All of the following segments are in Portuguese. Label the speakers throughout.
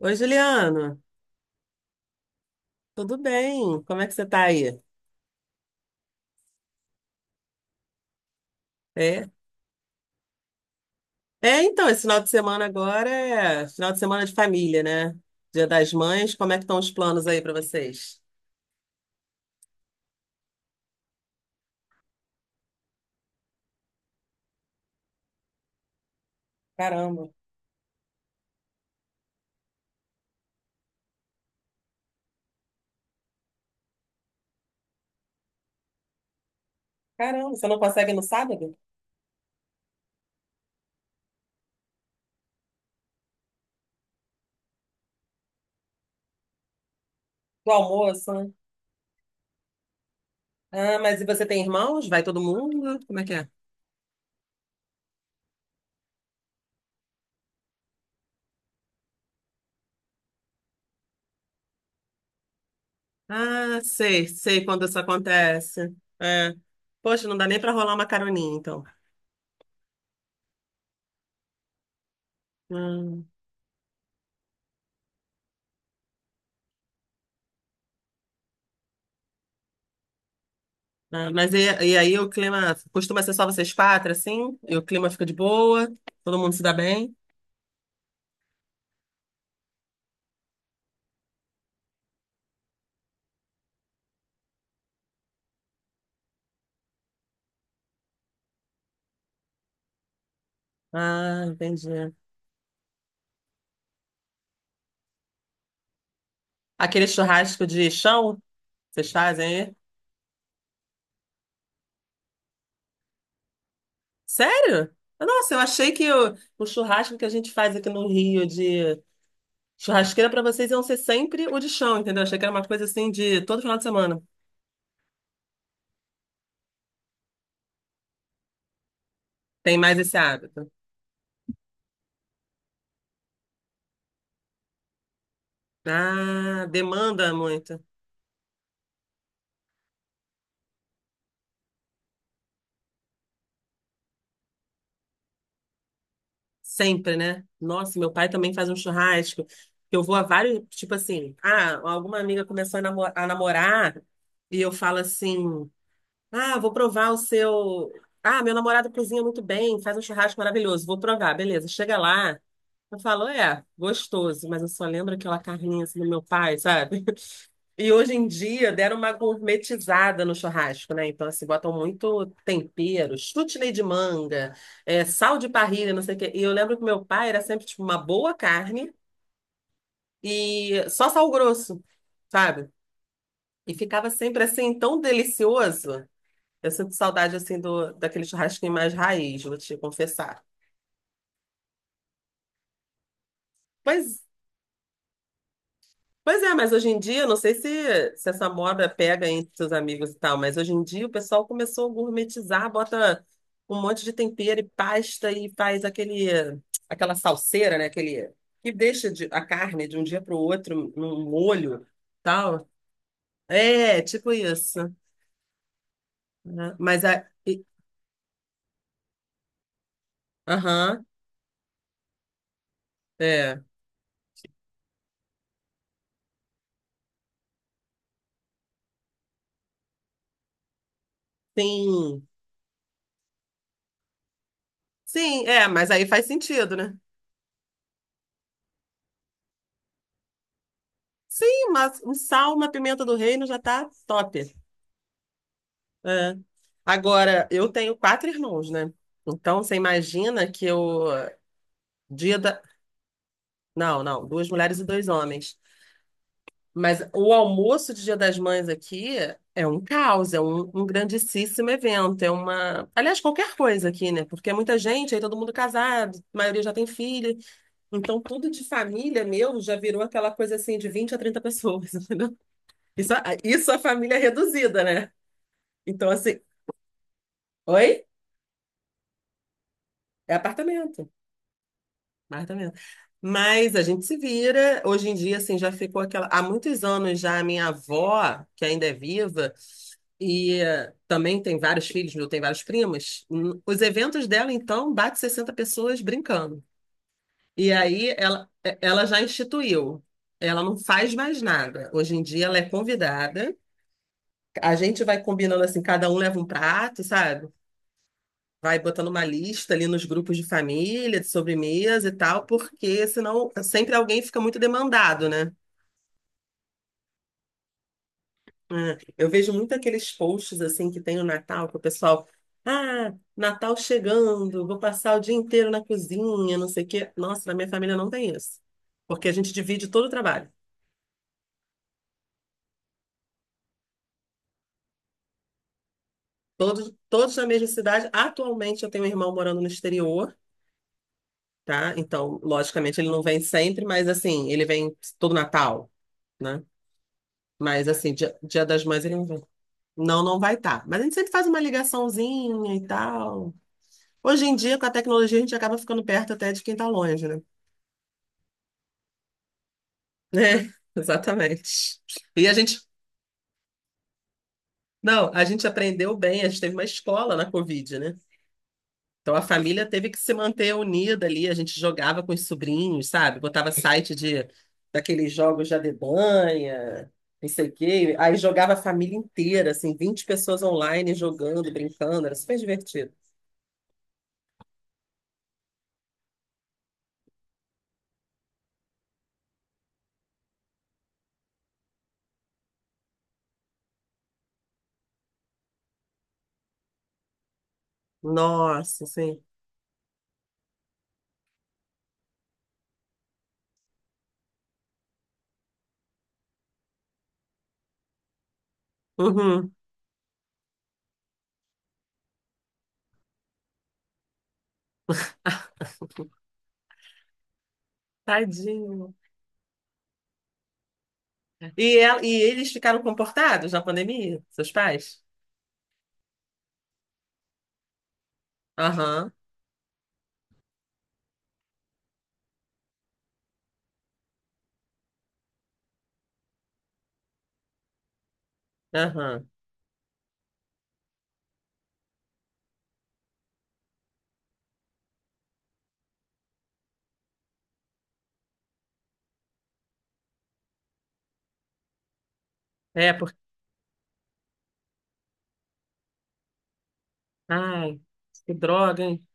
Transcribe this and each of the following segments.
Speaker 1: Oi, Juliano. Tudo bem? Como é que você tá aí? É? É, então, esse final de semana agora é final de semana de família, né? Dia das Mães. Como é que estão os planos aí pra vocês? Caramba. Caramba, você não consegue no sábado? Do almoço, né? Ah, mas e você tem irmãos? Vai todo mundo? Como é que é? Ah, sei, sei quando isso acontece. É. Poxa, não dá nem pra rolar uma caroninha, então. Ah. Ah, mas e aí o clima costuma ser só vocês quatro, assim? E o clima fica de boa? Todo mundo se dá bem? Ah, entendi. Aquele churrasco de chão, que vocês fazem aí? Sério? Nossa, eu achei que o churrasco que a gente faz aqui no Rio de churrasqueira para vocês iam ser sempre o de chão, entendeu? Achei que era uma coisa assim de todo final de semana. Tem mais esse hábito. Ah, demanda muito. Sempre, né? Nossa, meu pai também faz um churrasco. Eu vou a vários, tipo assim, ah, alguma amiga começou a namorar e eu falo assim: "Ah, vou provar o seu, ah, meu namorado cozinha muito bem, faz um churrasco maravilhoso. Vou provar, beleza." Chega lá, eu falo, é, gostoso, mas eu só lembro aquela carninha assim do meu pai, sabe? E hoje em dia deram uma gourmetizada no churrasco, né? Então, assim, botam muito tempero, chutney de manga, é, sal de parrilha, não sei o quê. E eu lembro que meu pai era sempre, tipo, uma boa carne e só sal grosso, sabe? E ficava sempre, assim, tão delicioso. Eu sinto saudade, assim, daquele churrasquinho mais raiz, vou te confessar. Pois Pois é, mas hoje em dia, eu não sei se essa moda pega entre seus amigos e tal, mas hoje em dia o pessoal começou a gourmetizar, bota um monte de tempero e pasta e faz aquela salseira, né? Aquele, que deixa a carne de um dia para o outro num molho, tal. É, tipo isso, né? Mas aham, é, sim, sim, é, mas aí faz sentido, né? Sim, mas um sal, uma pimenta do reino já tá top. É. Agora, eu tenho quatro irmãos, né? Então, você imagina que eu. Dia da. Não, não, duas mulheres e dois homens. Mas o almoço de Dia das Mães aqui é um caos, é um grandíssimo evento. É uma. Aliás, qualquer coisa aqui, né? Porque é muita gente, aí todo mundo casado, a maioria já tem filho. Então, tudo de família meu já virou aquela coisa assim de 20 a 30 pessoas, entendeu? Isso, isso a família é reduzida, né? Então, assim. Oi? É apartamento. Marta mesmo. Mas a gente se vira. Hoje em dia, assim, já ficou aquela. Há muitos anos já a minha avó, que ainda é viva, e também tem vários filhos, eu tenho vários primos. Os eventos dela, então, bate 60 pessoas brincando. E aí ela já instituiu. Ela não faz mais nada. Hoje em dia ela é convidada. A gente vai combinando assim, cada um leva um prato, sabe? Vai botando uma lista ali nos grupos de família, de sobremesa e tal, porque senão sempre alguém fica muito demandado, né? É, eu vejo muito aqueles posts assim que tem no Natal, que o pessoal, ah, Natal chegando, vou passar o dia inteiro na cozinha, não sei o quê. Nossa, na minha família não tem isso, porque a gente divide todo o trabalho. Todos, todos na mesma cidade. Atualmente eu tenho um irmão morando no exterior, tá? Então, logicamente, ele não vem sempre, mas assim, ele vem todo Natal, né? Mas assim, Dia das Mães ele não vai. Não, não vai estar. Mas a gente sempre faz uma ligaçãozinha e tal. Hoje em dia, com a tecnologia, a gente acaba ficando perto até de quem está longe, né? É, exatamente. E a gente, não, a gente aprendeu bem, a gente teve uma escola na Covid, né? Então a família teve que se manter unida ali, a gente jogava com os sobrinhos, sabe? Botava site de daqueles jogos de adedanha, não sei o quê. Aí jogava a família inteira, assim, 20 pessoas online jogando, brincando, era super divertido. Nossa, sim. Uhum. Tadinho. E, e eles ficaram comportados na pandemia, seus pais? Aham, aham. É, porque. Ai, que droga, hein?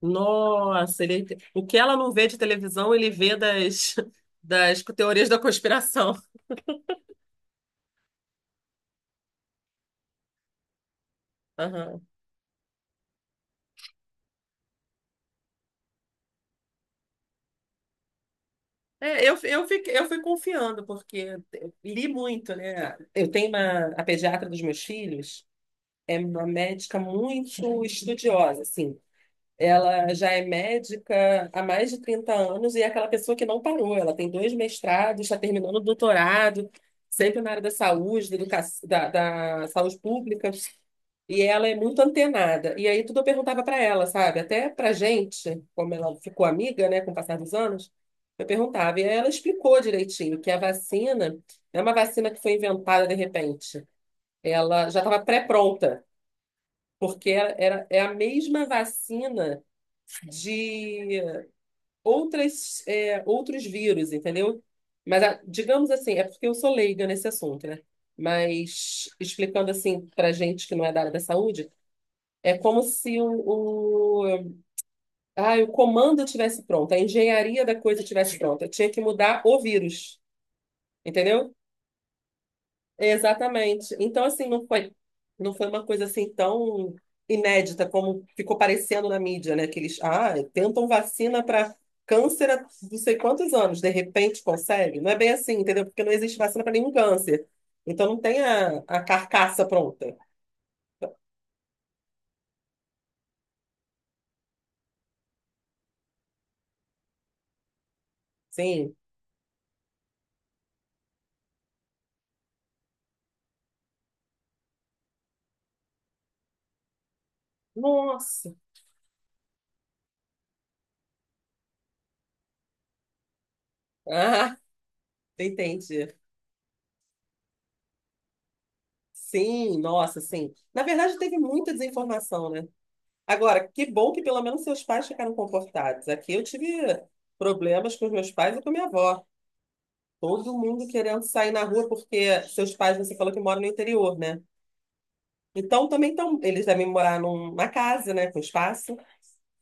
Speaker 1: Nossa, ele... o que ela não vê de televisão, ele vê das, das teorias da conspiração. Aham. É, fiquei, eu fui confiando, porque eu li muito, né? Eu tenho uma, a pediatra dos meus filhos, é uma médica muito estudiosa, assim. Ela já é médica há mais de 30 anos e é aquela pessoa que não parou. Ela tem dois mestrados, está terminando o doutorado, sempre na área da saúde, da saúde pública. E ela é muito antenada. E aí tudo eu perguntava para ela, sabe? Até para gente, como ela ficou amiga, né, com o passar dos anos, eu perguntava. E aí ela explicou direitinho que a vacina não é uma vacina que foi inventada de repente. Ela já estava pré-pronta, porque é a mesma vacina de outros vírus, entendeu? Mas, digamos assim, é porque eu sou leiga nesse assunto, né? Mas, explicando assim para gente que não é da área da saúde, é como se ah, o comando tivesse pronto, a engenharia da coisa tivesse pronta. Eu tinha que mudar o vírus, entendeu? Exatamente. Então, assim, não foi uma coisa assim tão inédita como ficou parecendo na mídia, né? Que eles, ah, tentam vacina para câncer há não sei quantos anos, de repente consegue. Não é bem assim, entendeu? Porque não existe vacina para nenhum câncer. Então, não tem a carcaça pronta. Sim. Nossa. Ah, entendi. Sim, nossa, sim. Na verdade, teve muita desinformação, né? Agora, que bom que pelo menos seus pais ficaram comportados. Aqui eu tive problemas com os meus pais e com minha avó. Todo mundo querendo sair na rua porque seus pais, você falou que moram no interior, né? Então também estão, eles devem morar numa casa, né, com espaço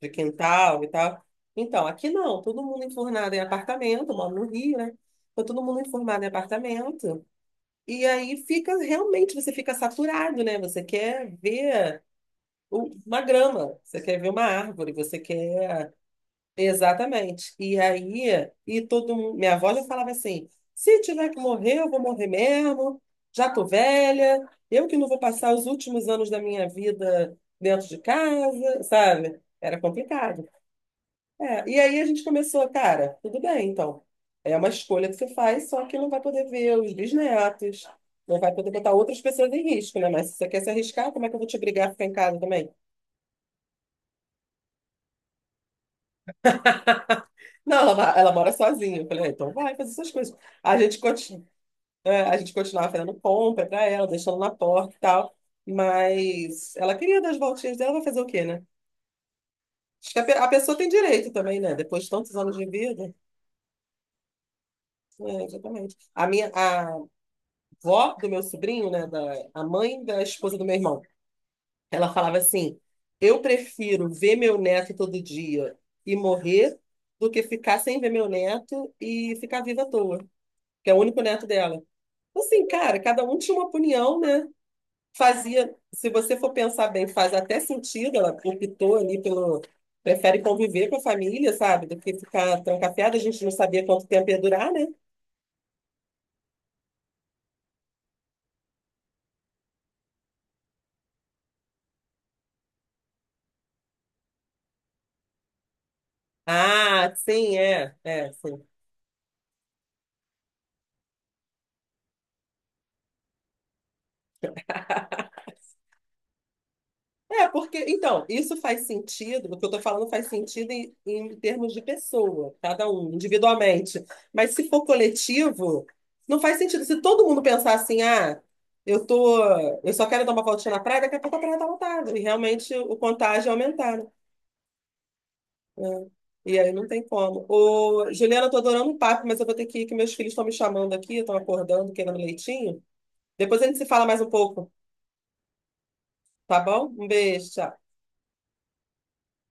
Speaker 1: de quintal e tal. Então, aqui não, todo mundo enfurnado em apartamento, eu moro no Rio, né? Então, todo mundo enfurnado em apartamento. E aí fica, realmente, você fica saturado, né? Você quer ver uma grama, você quer ver uma árvore, você quer. Exatamente. E aí, e todo mundo, minha avó já falava assim: "Se tiver que morrer, eu vou morrer mesmo, já tô velha, eu que não vou passar os últimos anos da minha vida dentro de casa", sabe? Era complicado. É, e aí a gente começou, cara, tudo bem, então. É uma escolha que você faz, só que não vai poder ver os bisnetos, não vai poder botar outras pessoas em risco, né? Mas se você quer se arriscar, como é que eu vou te obrigar a ficar em casa também? Não, ela mora sozinha. Eu falei, ah, então vai fazer suas coisas. A gente É, a gente continuava fazendo compra pra ela, deixando na porta e tal. Mas ela queria dar as voltinhas dela, vai fazer o quê, né? Acho que a pessoa tem direito também, né? Depois de tantos anos de vida. É, exatamente. A vó do meu sobrinho, né? A mãe da esposa do meu irmão, ela falava assim: "Eu prefiro ver meu neto todo dia e morrer do que ficar sem ver meu neto e ficar viva à toa", que é o único neto dela. Assim, cara, cada um tinha uma opinião, né? Fazia, se você for pensar bem, faz até sentido, ela optou ali pelo, prefere conviver com a família, sabe, do que ficar trancafiada, a gente não sabia quanto tempo ia durar, né? Ah, sim, é, é, sim. É, porque, então, isso faz sentido, o que eu tô falando faz sentido em termos de pessoa, cada um, individualmente. Mas se for coletivo, não faz sentido. Se todo mundo pensar assim, ah, eu tô, eu só quero dar uma voltinha na praia, daqui a pouco a praia tá lotada, e realmente o contágio aumentar, né? É. E aí não tem como. Ô, Juliana, eu tô adorando o papo, mas eu vou ter que ir, que meus filhos estão me chamando aqui, estão acordando, querendo um leitinho. Depois a gente se fala mais um pouco, tá bom? Um beijo, tchau.